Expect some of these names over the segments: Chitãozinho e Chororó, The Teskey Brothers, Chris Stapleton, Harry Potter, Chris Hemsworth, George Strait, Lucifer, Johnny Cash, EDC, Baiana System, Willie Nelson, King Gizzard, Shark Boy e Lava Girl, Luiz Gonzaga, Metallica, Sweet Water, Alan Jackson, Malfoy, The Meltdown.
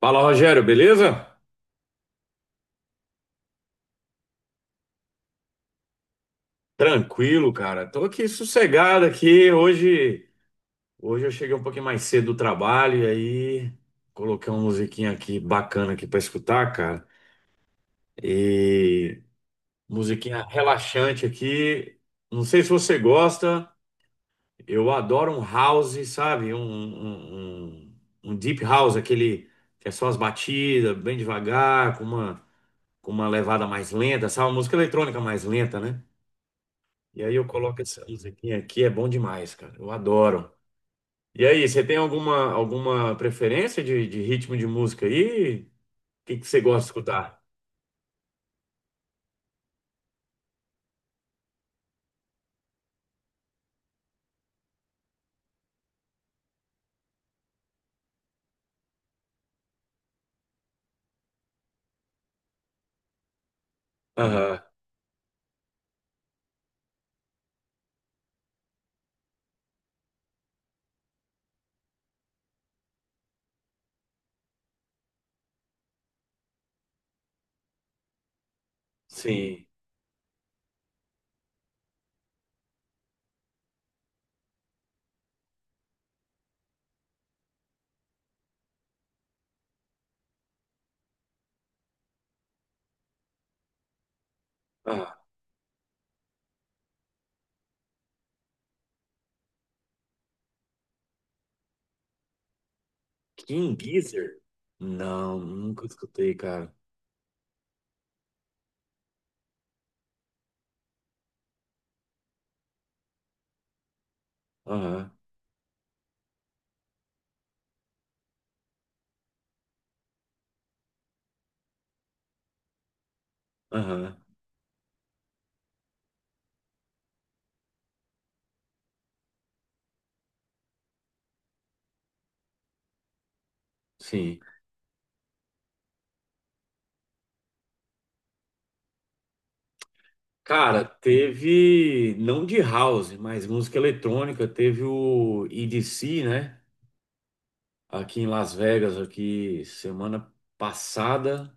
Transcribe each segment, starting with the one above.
Fala, Rogério, beleza? Tranquilo, cara. Tô aqui sossegado aqui. Hoje, eu cheguei um pouquinho mais cedo do trabalho e aí coloquei uma musiquinha aqui bacana aqui pra escutar, cara. E musiquinha relaxante aqui. Não sei se você gosta. Eu adoro um house, sabe? Um deep house, aquele que é só as batidas, bem devagar, com uma levada mais lenta, sabe? Uma música eletrônica mais lenta, né? E aí eu coloco essa musiquinha aqui, é bom demais, cara. Eu adoro. E aí, você tem alguma preferência de ritmo de música aí? O que que você gosta de escutar? Aham, sim. Ah, King Gizzard? Não, nunca escutei, cara. Aham, aham, sim. Cara, teve, não de house, mas música eletrônica, teve o EDC, né? Aqui em Las Vegas, aqui semana passada.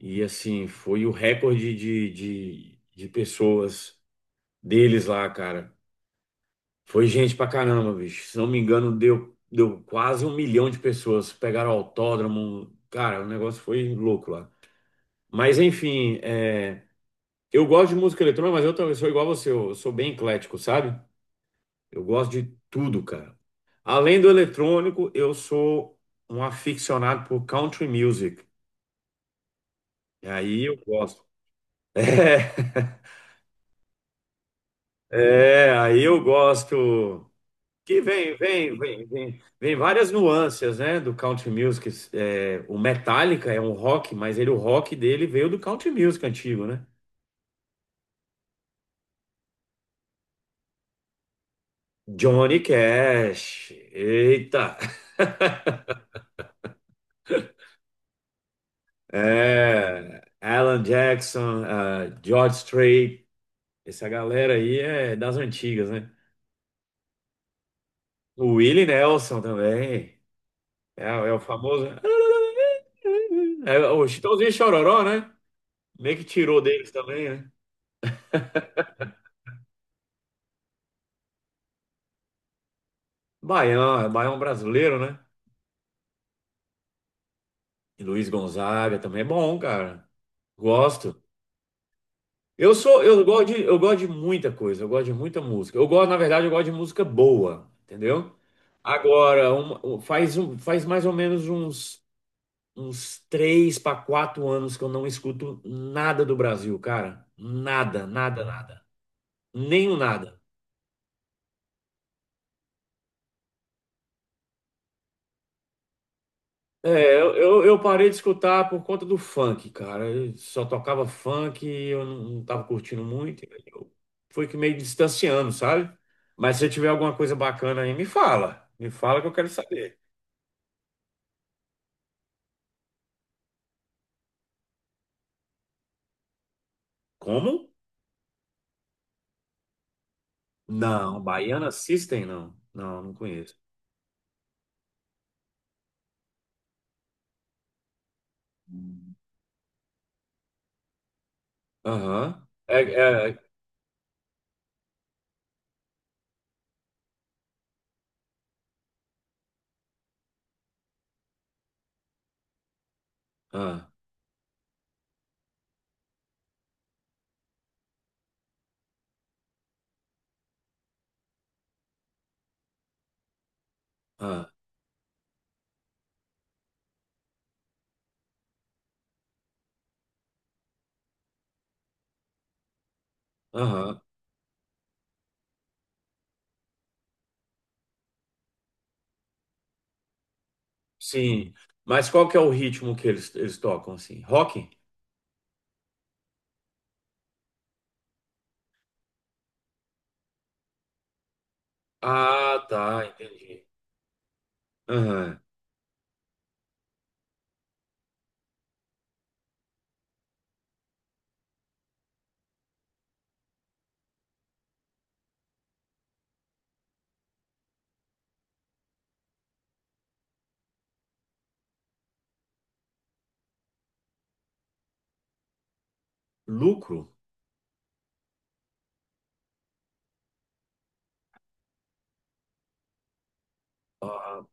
E assim, foi o recorde de pessoas deles lá, cara. Foi gente pra caramba, bicho. Se não me engano, deu quase 1 milhão de pessoas. Pegaram autódromo. Cara, o negócio foi louco lá. Mas enfim, é, eu gosto de música eletrônica, mas eu também sou igual a você. Eu sou bem eclético, sabe? Eu gosto de tudo, cara. Além do eletrônico, eu sou um aficionado por country music. E aí eu gosto. É. É, aí eu gosto que vem várias nuances, né, do country music. É, o Metallica é um rock, mas ele o rock dele veio do country music antigo, né? Johnny Cash, eita, é, Alan Jackson, ah, George Strait, essa galera aí é das antigas, né? O Willie Nelson também, é, é o famoso, é o Chitãozinho e Chororó, né? Meio que tirou deles também, né? Baião, é Baião brasileiro, né? E Luiz Gonzaga também é bom, cara. Gosto. Eu gosto de, eu gosto de muita coisa, eu gosto de muita música. Eu gosto, na verdade, eu gosto de música boa, entendeu? Agora, faz mais ou menos uns, uns três para quatro anos que eu não escuto nada do Brasil, cara. Nada, nada, nada. Nenhum nada. É, eu parei de escutar por conta do funk, cara. Eu só tocava funk e eu não tava curtindo muito. Eu fui que meio distanciando, sabe? Mas se tiver alguma coisa bacana aí, me fala. Me fala que eu quero saber. Como? Não, Baiana System não. Não, não conheço. Aham. É, é, ah, ah, aham. Sim. Mas qual que é o ritmo que eles tocam, assim? Rock? Ah, tá, entendi. Aham. Lucro? Ah.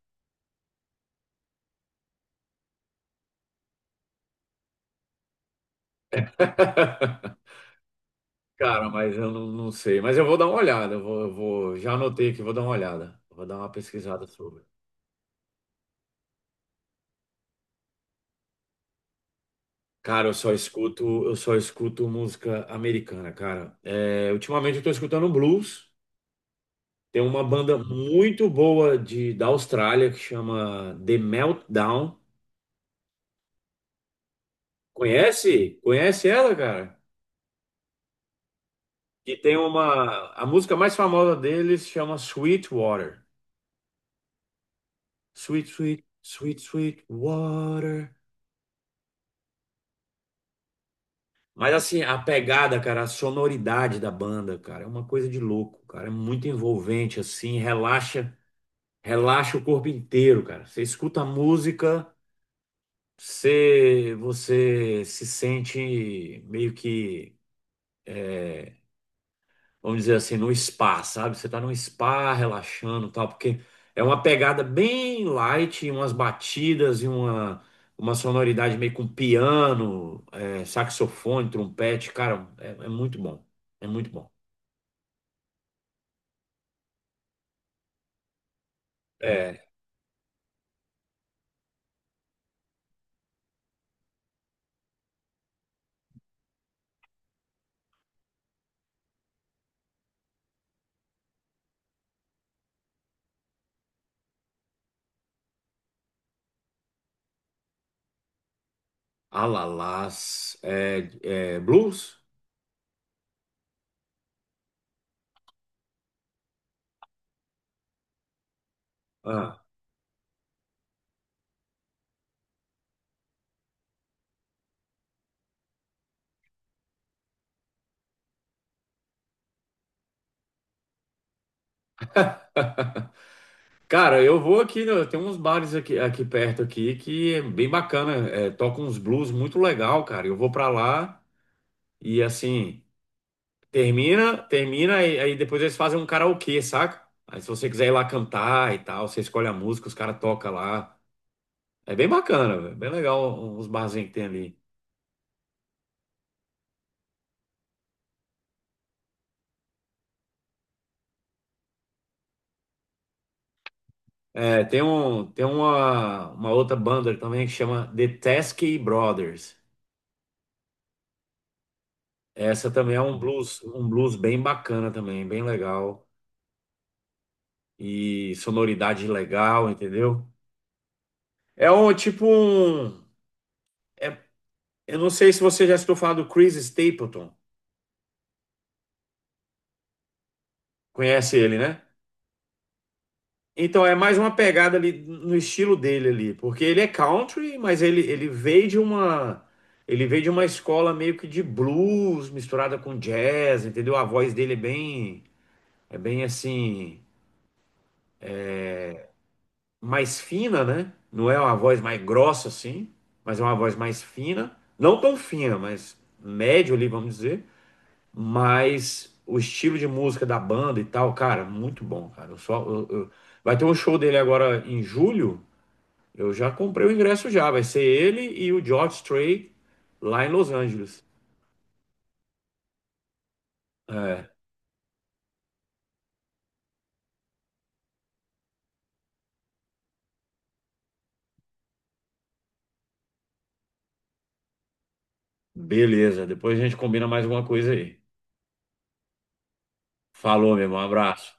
Cara, mas eu não sei. Mas eu vou dar uma olhada. Eu vou, já anotei aqui, vou dar uma olhada. Vou dar uma pesquisada sobre. Cara, eu só escuto música americana, cara. É, ultimamente eu tô escutando blues. Tem uma banda muito boa de, da Austrália que chama The Meltdown. Conhece? Conhece ela, cara? Que tem uma. A música mais famosa deles chama Sweet Water. Sweet water. Mas assim, a pegada, cara, a sonoridade da banda, cara, é uma coisa de louco, cara. É muito envolvente, assim, relaxa o corpo inteiro, cara. Você escuta a música, você se sente meio que, é, vamos dizer assim, no spa, sabe? Você tá num spa relaxando, e tal, porque é uma pegada bem light, umas batidas e uma sonoridade meio com piano, é, saxofone, trompete, cara, é muito bom. É muito bom. É, Alalás, é, é, Blues? Ah. Cara, eu vou aqui, né, tem uns bares aqui, aqui perto aqui que é bem bacana, é, toca uns blues muito legal, cara. Eu vou pra lá e assim, termina e aí depois eles fazem um karaokê, saca? Aí se você quiser ir lá cantar e tal, você escolhe a música, os caras tocam lá. É bem bacana, velho, bem legal os barzinhos que tem ali. É, tem um, tem uma outra banda também que chama The Teskey Brothers. Essa também é um blues bem bacana também, bem legal. E sonoridade legal, entendeu? É um tipo um. É- eu não sei se você já escutou falar do Chris Stapleton. Conhece ele, né? Então é mais uma pegada ali no estilo dele ali, porque ele é country, mas ele veio de uma escola meio que de blues misturada com jazz, entendeu? A voz dele é bem assim mais fina, né? Não é uma voz mais grossa assim, mas é uma voz mais fina. Não tão fina, mas médio ali, vamos dizer. Mas o estilo de música da banda e tal, cara, muito bom, cara. Eu só, eu- Vai ter um show dele agora em julho. Eu já comprei o ingresso já. Vai ser ele e o George Strait lá em Los Angeles. É, beleza. Depois a gente combina mais alguma coisa aí. Falou, meu irmão. Um abraço.